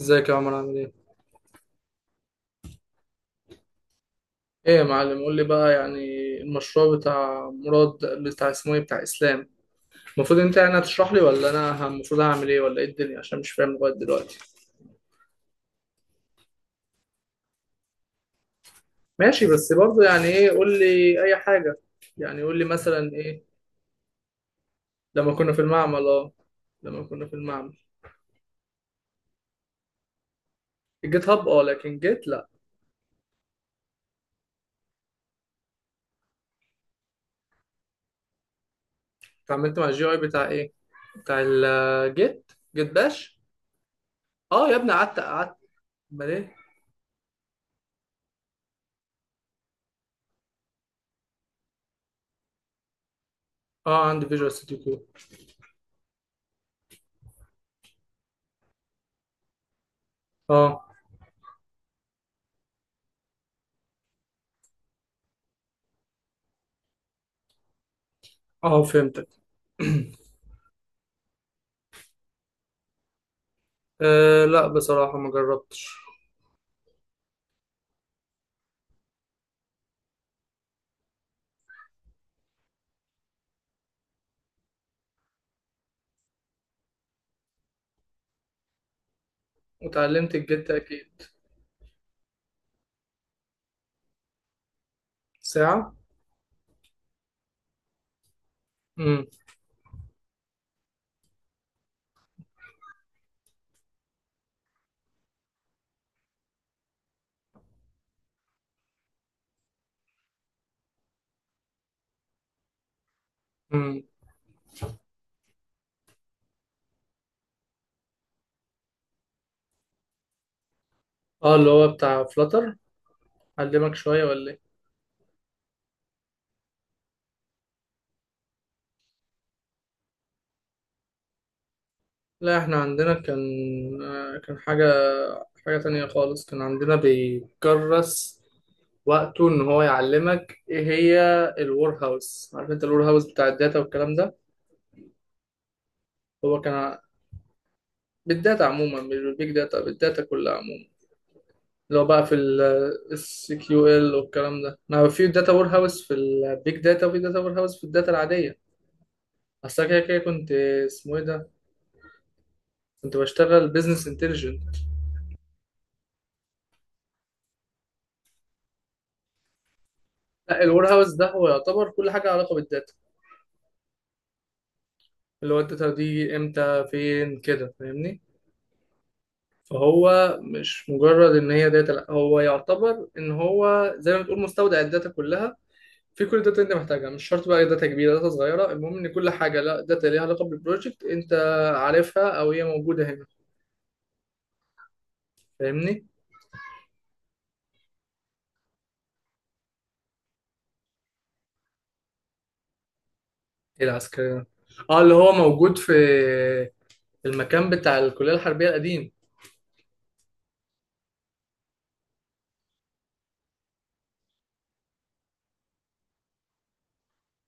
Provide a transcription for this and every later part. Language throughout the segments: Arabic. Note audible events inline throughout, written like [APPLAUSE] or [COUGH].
ازيك يا عمر عامل ايه؟ ايه يا معلم قول لي بقى، يعني المشروع بتاع مراد، بتاع اسمه ايه، بتاع اسلام. المفروض انت يعني هتشرح لي، ولا انا المفروض اعمل ايه، ولا ايه الدنيا؟ عشان مش فاهم لغايه دلوقتي. ماشي، بس برضه يعني ايه؟ قول لي اي حاجه، يعني قول لي مثلا ايه. لما كنا في المعمل، اه. لما كنا في المعمل. الجيت هاب اه، لكن جيت لا. اتعاملت مع الجي اي بتاع ايه؟ بتاع الجيت جيت باش. اه يا ابني، قعدت قعدت. امال ايه؟ اه، عندي فيجوال ستوديو كود. اه. اه، فهمتك. [CLEARS THROAT] أه لا، بصراحة ما جربتش. وتعلمت الجيت أكيد. ساعة. امم. امم. اه، اللي هو بتاع فلاتر، علمك شوية ولا ايه؟ لا احنا عندنا كان، كان حاجة، حاجة تانية خالص. كان عندنا بيكرس وقته ان هو يعلمك ايه هي الور هاوس. عارف انت الور هاوس بتاع الداتا والكلام ده؟ هو كان ع- بالداتا عموما، مش بالبيج داتا، بالداتا كلها عموما. اللي هو بقى في الاس كيو ال SQL والكلام ده، ما في داتا وير هاوس في البيج داتا، وفي داتا وير هاوس في الداتا العادية. اصل أنا كده كده كنت. اسمه ايه ده؟ كنت بشتغل بزنس انتليجنت. لا، الوير هاوس ده هو يعتبر كل حاجة علاقة بالداتا، اللي هو الداتا دي امتى، فين، كده، فاهمني؟ فهو مش مجرد ان هي داتا، لا، هو يعتبر ان هو زي ما بتقول مستودع الداتا كلها، في كل داتا انت محتاجها. مش شرط بقى داتا كبيره، داتا صغيره، المهم ان كل حاجه، لا داتا ليها علاقه بالبروجكت، انت عارفها او هي موجوده هنا. فاهمني؟ ايه العسكري؟ اه، اللي هو موجود في المكان بتاع الكلية الحربية القديم.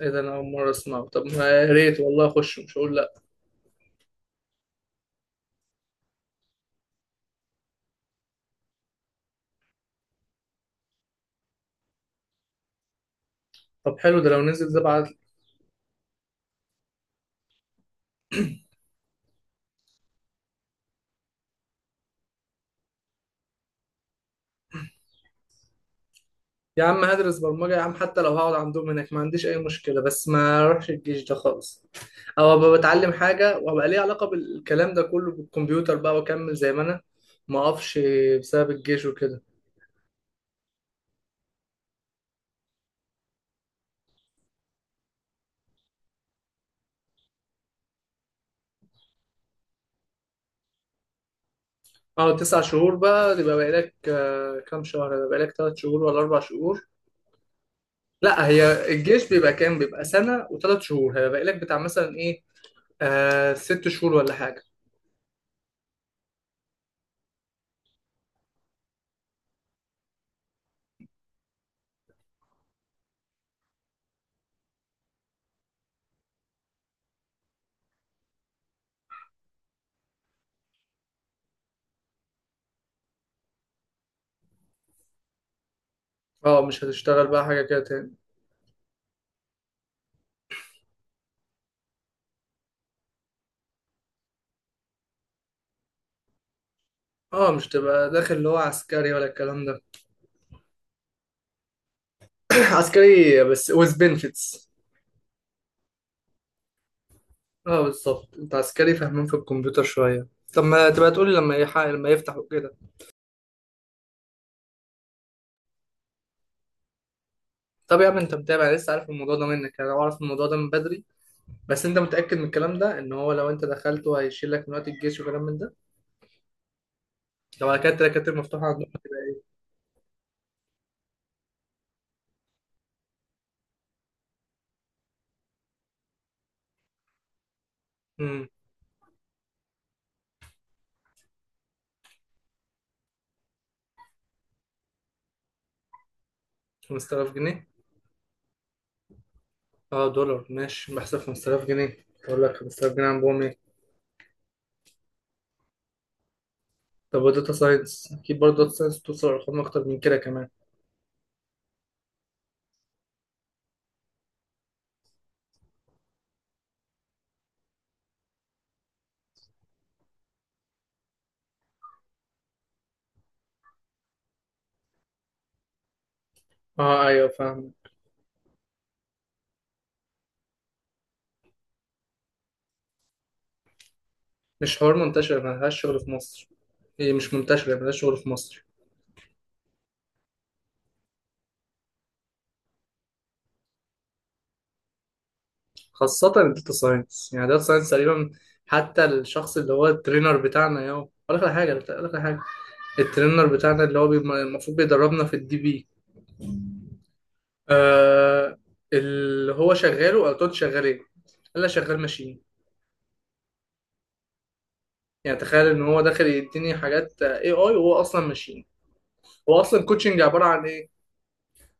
ايه ده؟ انا اول مرة اسمعه. طب ما يا ريت والله، اخش، مش هقول لا. طب حلو ده، لو نزل ده بعد. يا عم، هدرس برمجة يا عم، حتى لو هقعد عندهم هناك ما عنديش اي مشكلة، بس ما اروحش الجيش ده خالص. او ابقى بتعلم حاجة وابقى ليه علاقة بالكلام ده كله، بالكمبيوتر بقى، واكمل زي ما انا ما اقفش بسبب الجيش وكده. اه، 9 شهور بقى، يبقى بقالك كام شهر؟ يبقى بقالك 3 شهور ولا 4 شهور. لا، هي الجيش بيبقى كام؟ بيبقى سنة و3 شهور، هيبقى لك بتاع مثلا ايه، آه 6 شهور ولا حاجة. اه، مش هتشتغل بقى حاجة كده تاني. اه، مش تبقى داخل اللي هو عسكري ولا الكلام ده. [CLEARS THROAT] عسكري بس with benefits. اه بالظبط، انت عسكري فاهمين في الكمبيوتر شوية. طب ما تبقى تقولي لما لما يفتحوا كده. طب يا عم، انت متابع لسه، عارف الموضوع ده منك، انا اعرف الموضوع ده من بدري. بس انت متأكد من الكلام ده، ان هو لو انت دخلته هيشيل لك من وقت الجيش وكلام من ده؟ لو على كده الدكاترة مفتوحة عندهم. امم. 5000 جنيه؟ اه دولار، ماشي، بحسب 5000 جنيه، اقول لك 5000 جنيه عندهم ايه؟ طب وداتا ساينس، اكيد برضه داتا ساينس توصل لارقام اكتر من كده كمان. اه ايوه، فاهم. مش حوار منتشر، ملهاش شغل في مصر. هي مش منتشرة، ملهاش شغل في مصر. خاصة الداتا ساينس، يعني الداتا ساينس تقريبا. حتى الشخص اللي هو الترينر بتاعنا، يا هو اقول لك على حاجة، اقول لك على حاجة. الترينر بتاعنا اللي هو المفروض بيدربنا في الدي بي. آه. اللي هو شغال، وقال له شغال ايه؟ قال لي شغال ماشين. يعني تخيل ان هو داخل يديني حاجات اي اي وهو اصلا ماشين. هو اصلا كوتشنج عباره عن ايه؟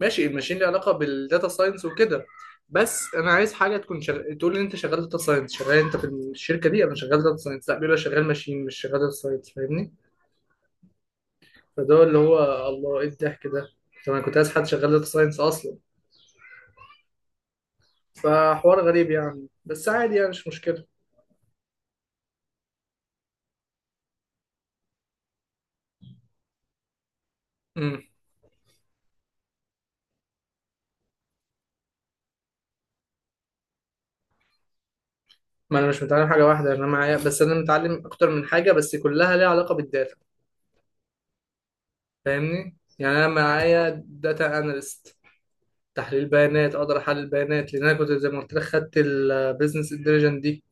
ماشي، الماشين ليه علاقه بالداتا ساينس وكده. بس انا عايز حاجه تكون تقول لي انت شغال داتا ساينس، شغال انت في الشركه دي انا شغال داتا ساينس. لا، بيقول لي شغال ماشين، مش شغال داتا ساينس. فاهمني؟ فده اللي هو. الله، ايه الضحك ده! طب انا كنت عايز حد شغال داتا ساينس اصلا. فحوار غريب يعني، بس عادي يعني، مش مشكله. امم. ما انا مش متعلم حاجه واحده، انا معايا، بس انا متعلم اكتر من حاجه، بس كلها ليها علاقه بالداتا. فاهمني؟ يعني انا معايا داتا اناليست، تحليل بيانات، اقدر احلل بيانات. لان انا كنت زي ما قلت لك خدت البيزنس انتليجنت دي.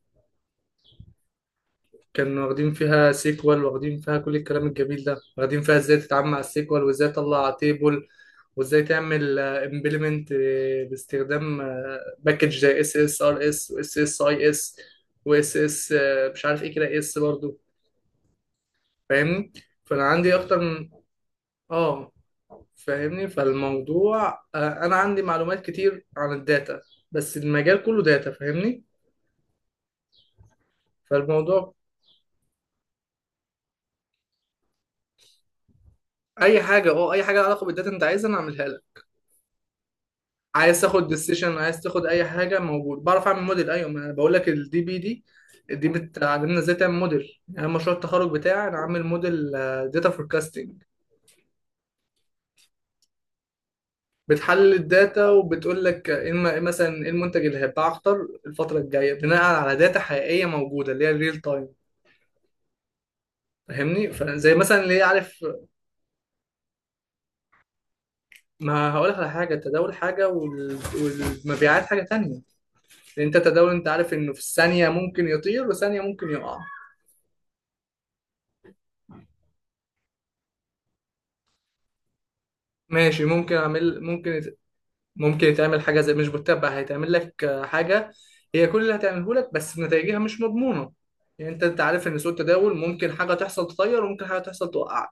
كانوا واخدين فيها سيكوال، واخدين فيها كل الكلام الجميل ده، واخدين فيها ازاي تتعامل مع السيكوال، وازاي تطلع تيبل، وازاي تعمل امبلمنت باستخدام باكج زي اس اس ار اس، واس اس اي اس، واس اس مش عارف ايه كده، اس برضو. فاهمني؟ فانا عندي اكتر من، اه، فاهمني؟ فالموضوع، انا عندي معلومات كتير عن الداتا، بس المجال كله داتا، فاهمني؟ فالموضوع اي حاجه، اي حاجه لها علاقه بالداتا انت عايزها انا اعملها لك. عايز تاخد ديسيشن، عايز تاخد اي حاجه موجود، بعرف اعمل موديل. ايوه، ما انا بقول لك الدي بي دي، دي بتعلمنا ازاي تعمل موديل. يعني أنا مشروع التخرج بتاعي، انا عامل موديل داتا فوركاستنج. بتحلل الداتا وبتقول لك إيه مثلا ايه المنتج اللي هيتباع اكتر الفتره الجايه، بناء على داتا حقيقيه موجوده اللي هي الريل تايم. فاهمني؟ فزي مثلا اللي عارف. ما هقولك على حاجة، التداول حاجة، والمبيعات حاجة تانية. لأن أنت التداول أنت عارف إنه في الثانية ممكن يطير، وثانية ممكن يقع. ماشي، ممكن أعمل، ممكن يتعمل حاجة زي مش بتتبع، هيتعمل لك، حاجة. هي كل اللي هتعمله لك، بس نتائجها مش مضمونة. يعني أنت، عارف إن سوق التداول ممكن حاجة تحصل تطير، وممكن حاجة تحصل توقعك.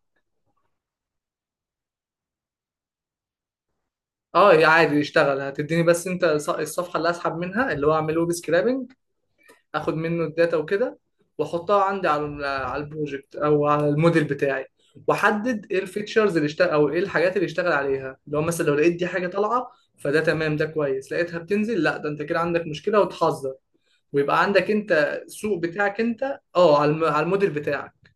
أه يا عادي يشتغل، هتديني بس أنت الصفحة اللي أسحب منها، اللي هو أعمل ويب سكرابنج، اخد منه الداتا وكده، واحطها عندي على على البروجكت او على الموديل بتاعي. واحدد ايه الفيتشرز اللي اشتغل، او ايه الحاجات اللي اشتغل عليها. لو مثلا لقيت دي حاجه طالعه، فده تمام، ده كويس. لقيتها بتنزل، لا ده انت كده عندك مشكله، وتحذر، ويبقى عندك انت سوق بتاعك انت، اه، على على الموديل بتاعك.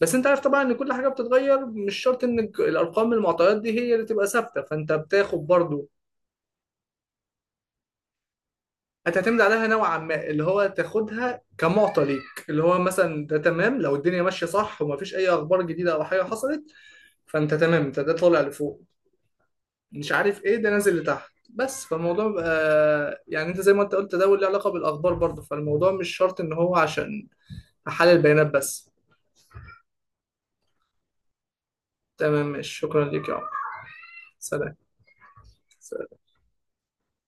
بس انت عارف طبعا ان كل حاجه بتتغير، مش شرط ان الارقام المعطيات دي هي اللي تبقى ثابته، فانت بتاخد برضو، هتعتمد عليها نوعا ما، اللي هو تاخدها كمعطى ليك، اللي هو مثلا ده تمام لو الدنيا ماشيه صح ومفيش اي اخبار جديده او حاجه حصلت، فانت تمام، انت ده طالع لفوق. مش عارف ايه، ده نازل لتحت، بس فالموضوع بقى يعني انت زي ما انت قلت، ده له علاقه بالاخبار برضه، فالموضوع مش شرط ان هو عشان احلل البيانات بس. تمام، ماشي، شكرا ليك يا عمر. سلام.